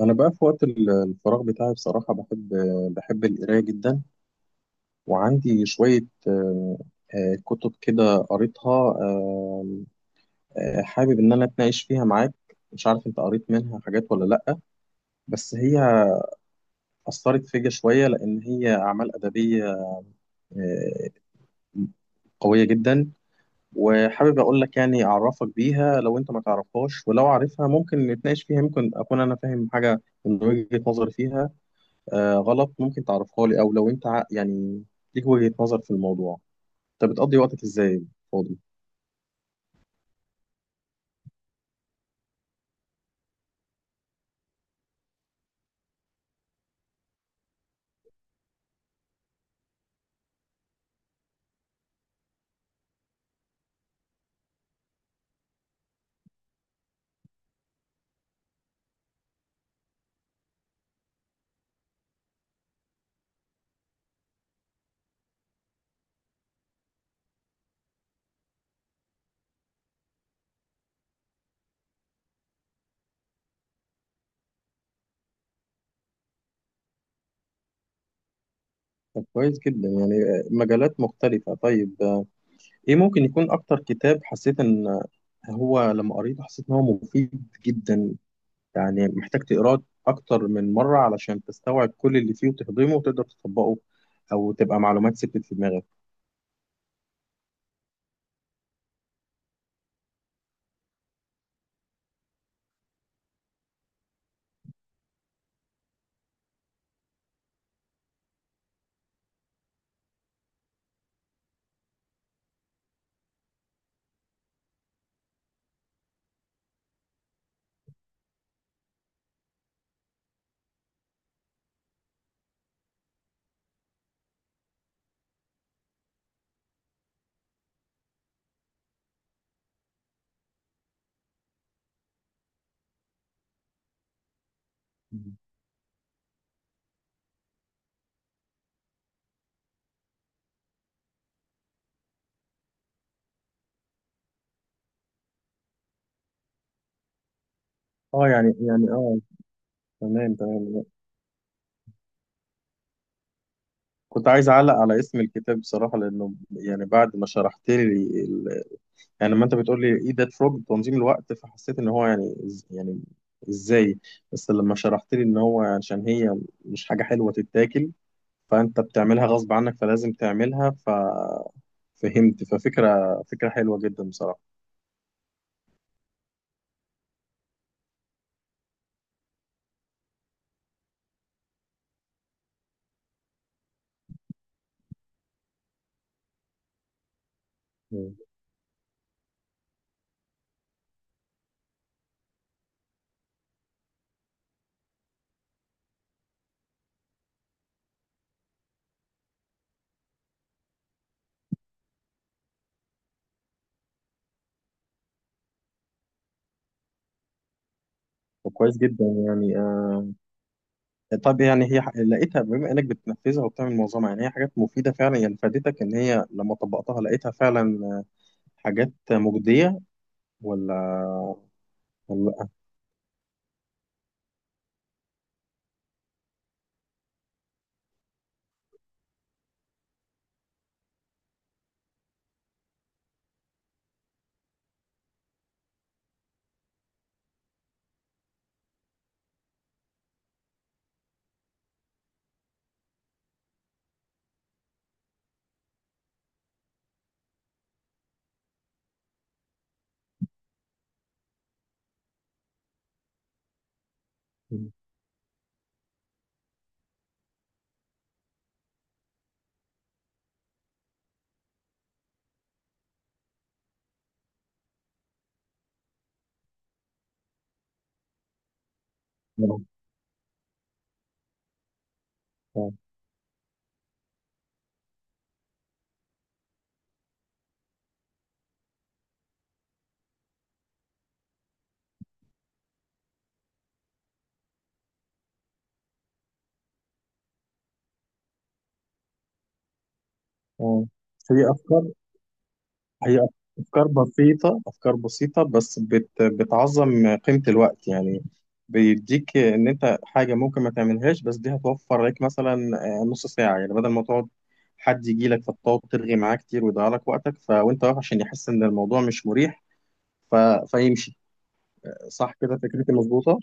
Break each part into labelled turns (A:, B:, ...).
A: أنا بقى في وقت الفراغ بتاعي، بصراحة بحب القراية جدا، وعندي شوية آه، كتب كده قريتها، حابب إن أنا أتناقش فيها معاك. مش عارف أنت قريت منها حاجات ولا لأ، بس هي أثرت فيا شوية، لأن هي أعمال أدبية آه، قوية جدا. وحابب أقول لك، يعني أعرفك بيها لو أنت ما تعرفهاش، ولو عارفها ممكن نتناقش فيها، ممكن أكون أنا فاهم حاجة من وجهة نظري فيها غلط، ممكن تعرفها لي. او لو انت يعني ليك وجهة نظر في الموضوع. انت بتقضي وقتك ازاي، فاضي؟ طب كويس جدا، يعني مجالات مختلفة. طيب، ايه ممكن يكون اكتر كتاب حسيت ان هو لما قريته حسيت ان هو مفيد جدا، يعني محتاج تقراه اكتر من مرة علشان تستوعب كل اللي فيه وتهضمه وتقدر تطبقه، او تبقى معلومات ثبتت في دماغك؟ مم. اه، يعني، اه. تمام، تمام. كنت عايز اعلق على اسم الكتاب بصراحة، لانه يعني بعد ما شرحت لي، يعني لما انت بتقول لي ايه ده فروج تنظيم الوقت، فحسيت ان هو يعني يعني ازاي. بس لما شرحت لي ان هو عشان هي مش حاجه حلوه تتاكل، فانت بتعملها غصب عنك، فلازم تعملها، ففهمت. ففكره حلوه جدا بصراحه. مم. وكويس جدا، يعني طب يعني هي لقيتها، بما انك بتنفذها وبتعمل معظمها، يعني هي حاجات مفيده فعلا، يعني فادتك ان هي لما طبقتها لقيتها فعلا حاجات مجديه، ولا ولا؟ مم. لا. مم. آه. آه. في افكار، هي أفكار بسيطة، أفكار بسيطة، بس بتعظم قيمة الوقت. يعني بيديك إن أنت حاجة ممكن ما تعملهاش، بس دي هتوفر لك مثلا نص ساعة، يعني بدل ما تقعد حد يجي لك فتقعد ترغي معاه كتير ويضيع لك وقتك، وأنت واقف عشان يحس إن الموضوع مش مريح، ف... فيمشي. صح كده، فكرتي مظبوطة؟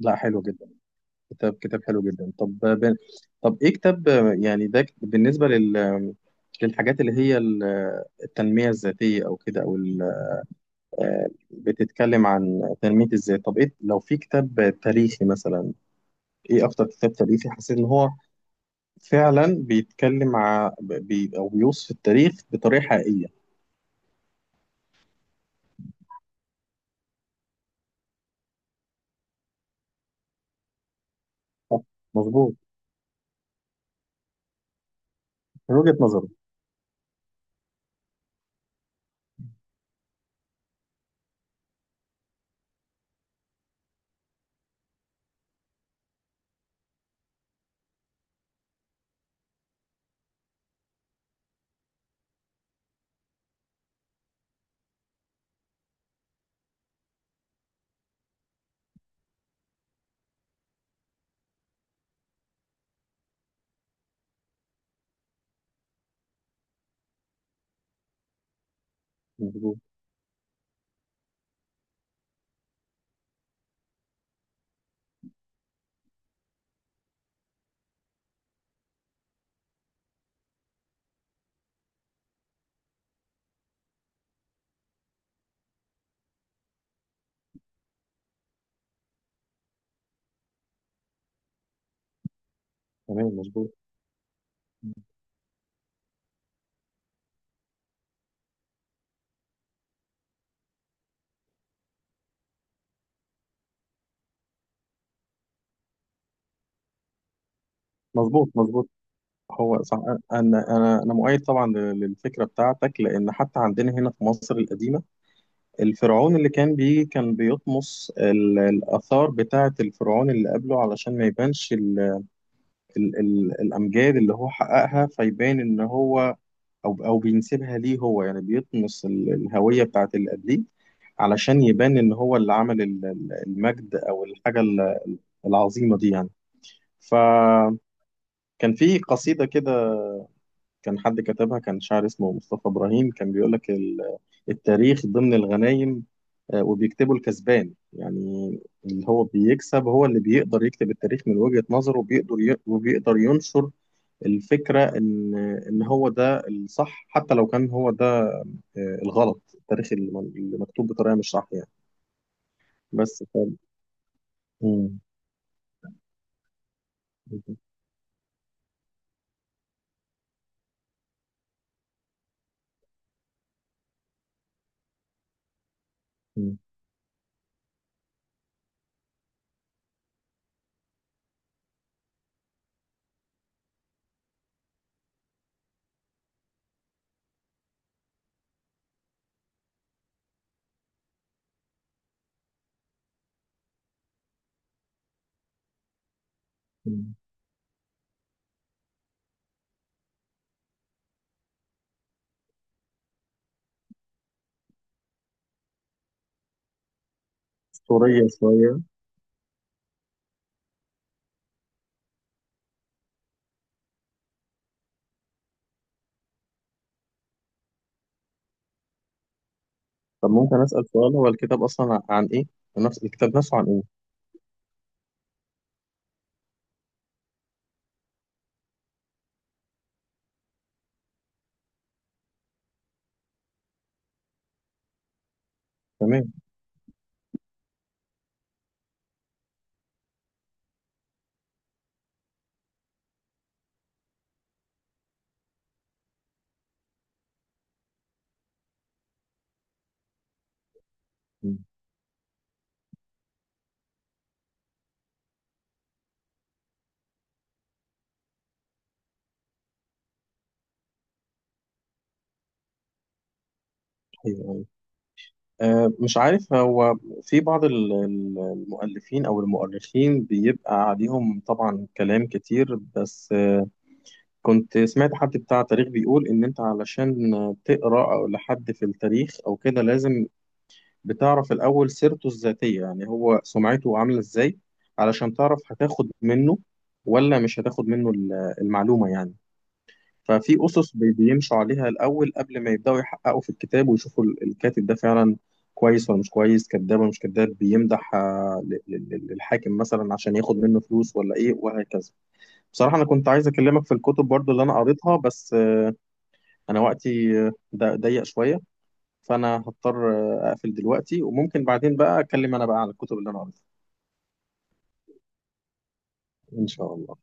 A: لا، حلو جدا. كتاب حلو جدا. طب طب إيه كتاب، يعني ده بالنسبة للحاجات اللي هي التنمية الذاتية أو كده، أو بتتكلم عن تنمية الذات؟ طب ايه لو في كتاب تاريخي مثلا، ايه اكتر كتاب تاريخي حسيت ان هو فعلا بيتكلم او بيوصف التاريخ بطريقة حقيقية؟ صح، مظبوط. من وجهة نظري، مظبوط. تمام، مظبوط. مظبوط، مظبوط. هو صح. انا مؤيد طبعا للفكرة بتاعتك، لان حتى عندنا هنا في مصر القديمة الفرعون اللي كان بيه كان بيطمس الاثار بتاعة الفرعون اللي قبله علشان ما يبانش ال ال الامجاد اللي هو حققها، فيبان ان هو، او بينسبها ليه هو، يعني بيطمس الهويه بتاعت اللي قبليه علشان يبان ان هو اللي عمل المجد، او الحاجه العظيمه دي. يعني فكان في قصيده كده، كان حد كتبها، كان شاعر اسمه مصطفى ابراهيم، كان بيقول لك التاريخ ضمن الغنايم وبيكتبه الكسبان. يعني اللي هو بيكسب، هو اللي بيقدر يكتب التاريخ من وجهة نظره، وبيقدر ينشر الفكرة إن هو ده الصح، حتى لو كان هو ده الغلط، التاريخ اللي اللي مكتوب بطريقة مش صح، يعني. بس مم. مم. مم. أسطورية شوية. طب ممكن أسأل سؤال، هو الكتاب أصلا عن إيه؟ نفس الكتاب نفسه عن إيه؟ تمام. مم. أيوه. أه، مش عارف، هو في بعض المؤلفين أو المؤرخين بيبقى عليهم طبعا كلام كتير، بس كنت سمعت حد بتاع تاريخ بيقول إن أنت علشان تقرأ أو لحد في التاريخ أو كده، لازم بتعرف الأول سيرته الذاتية، يعني هو سمعته عاملة إزاي علشان تعرف هتاخد منه ولا مش هتاخد منه المعلومة، يعني. ففي أسس بيمشوا عليها الأول قبل ما يبدأوا يحققوا في الكتاب ويشوفوا الكاتب ده فعلا كويس ولا مش كويس، كذاب ولا مش كذاب، بيمدح للحاكم مثلا عشان ياخد منه فلوس، ولا إيه، وهكذا. بصراحة أنا كنت عايز أكلمك في الكتب برضو اللي أنا قريتها، بس انا وقتي ضيق شويه، فانا هضطر اقفل دلوقتي، وممكن بعدين بقى اتكلم انا بقى عن الكتب اللي انا قريتها. ان شاء الله.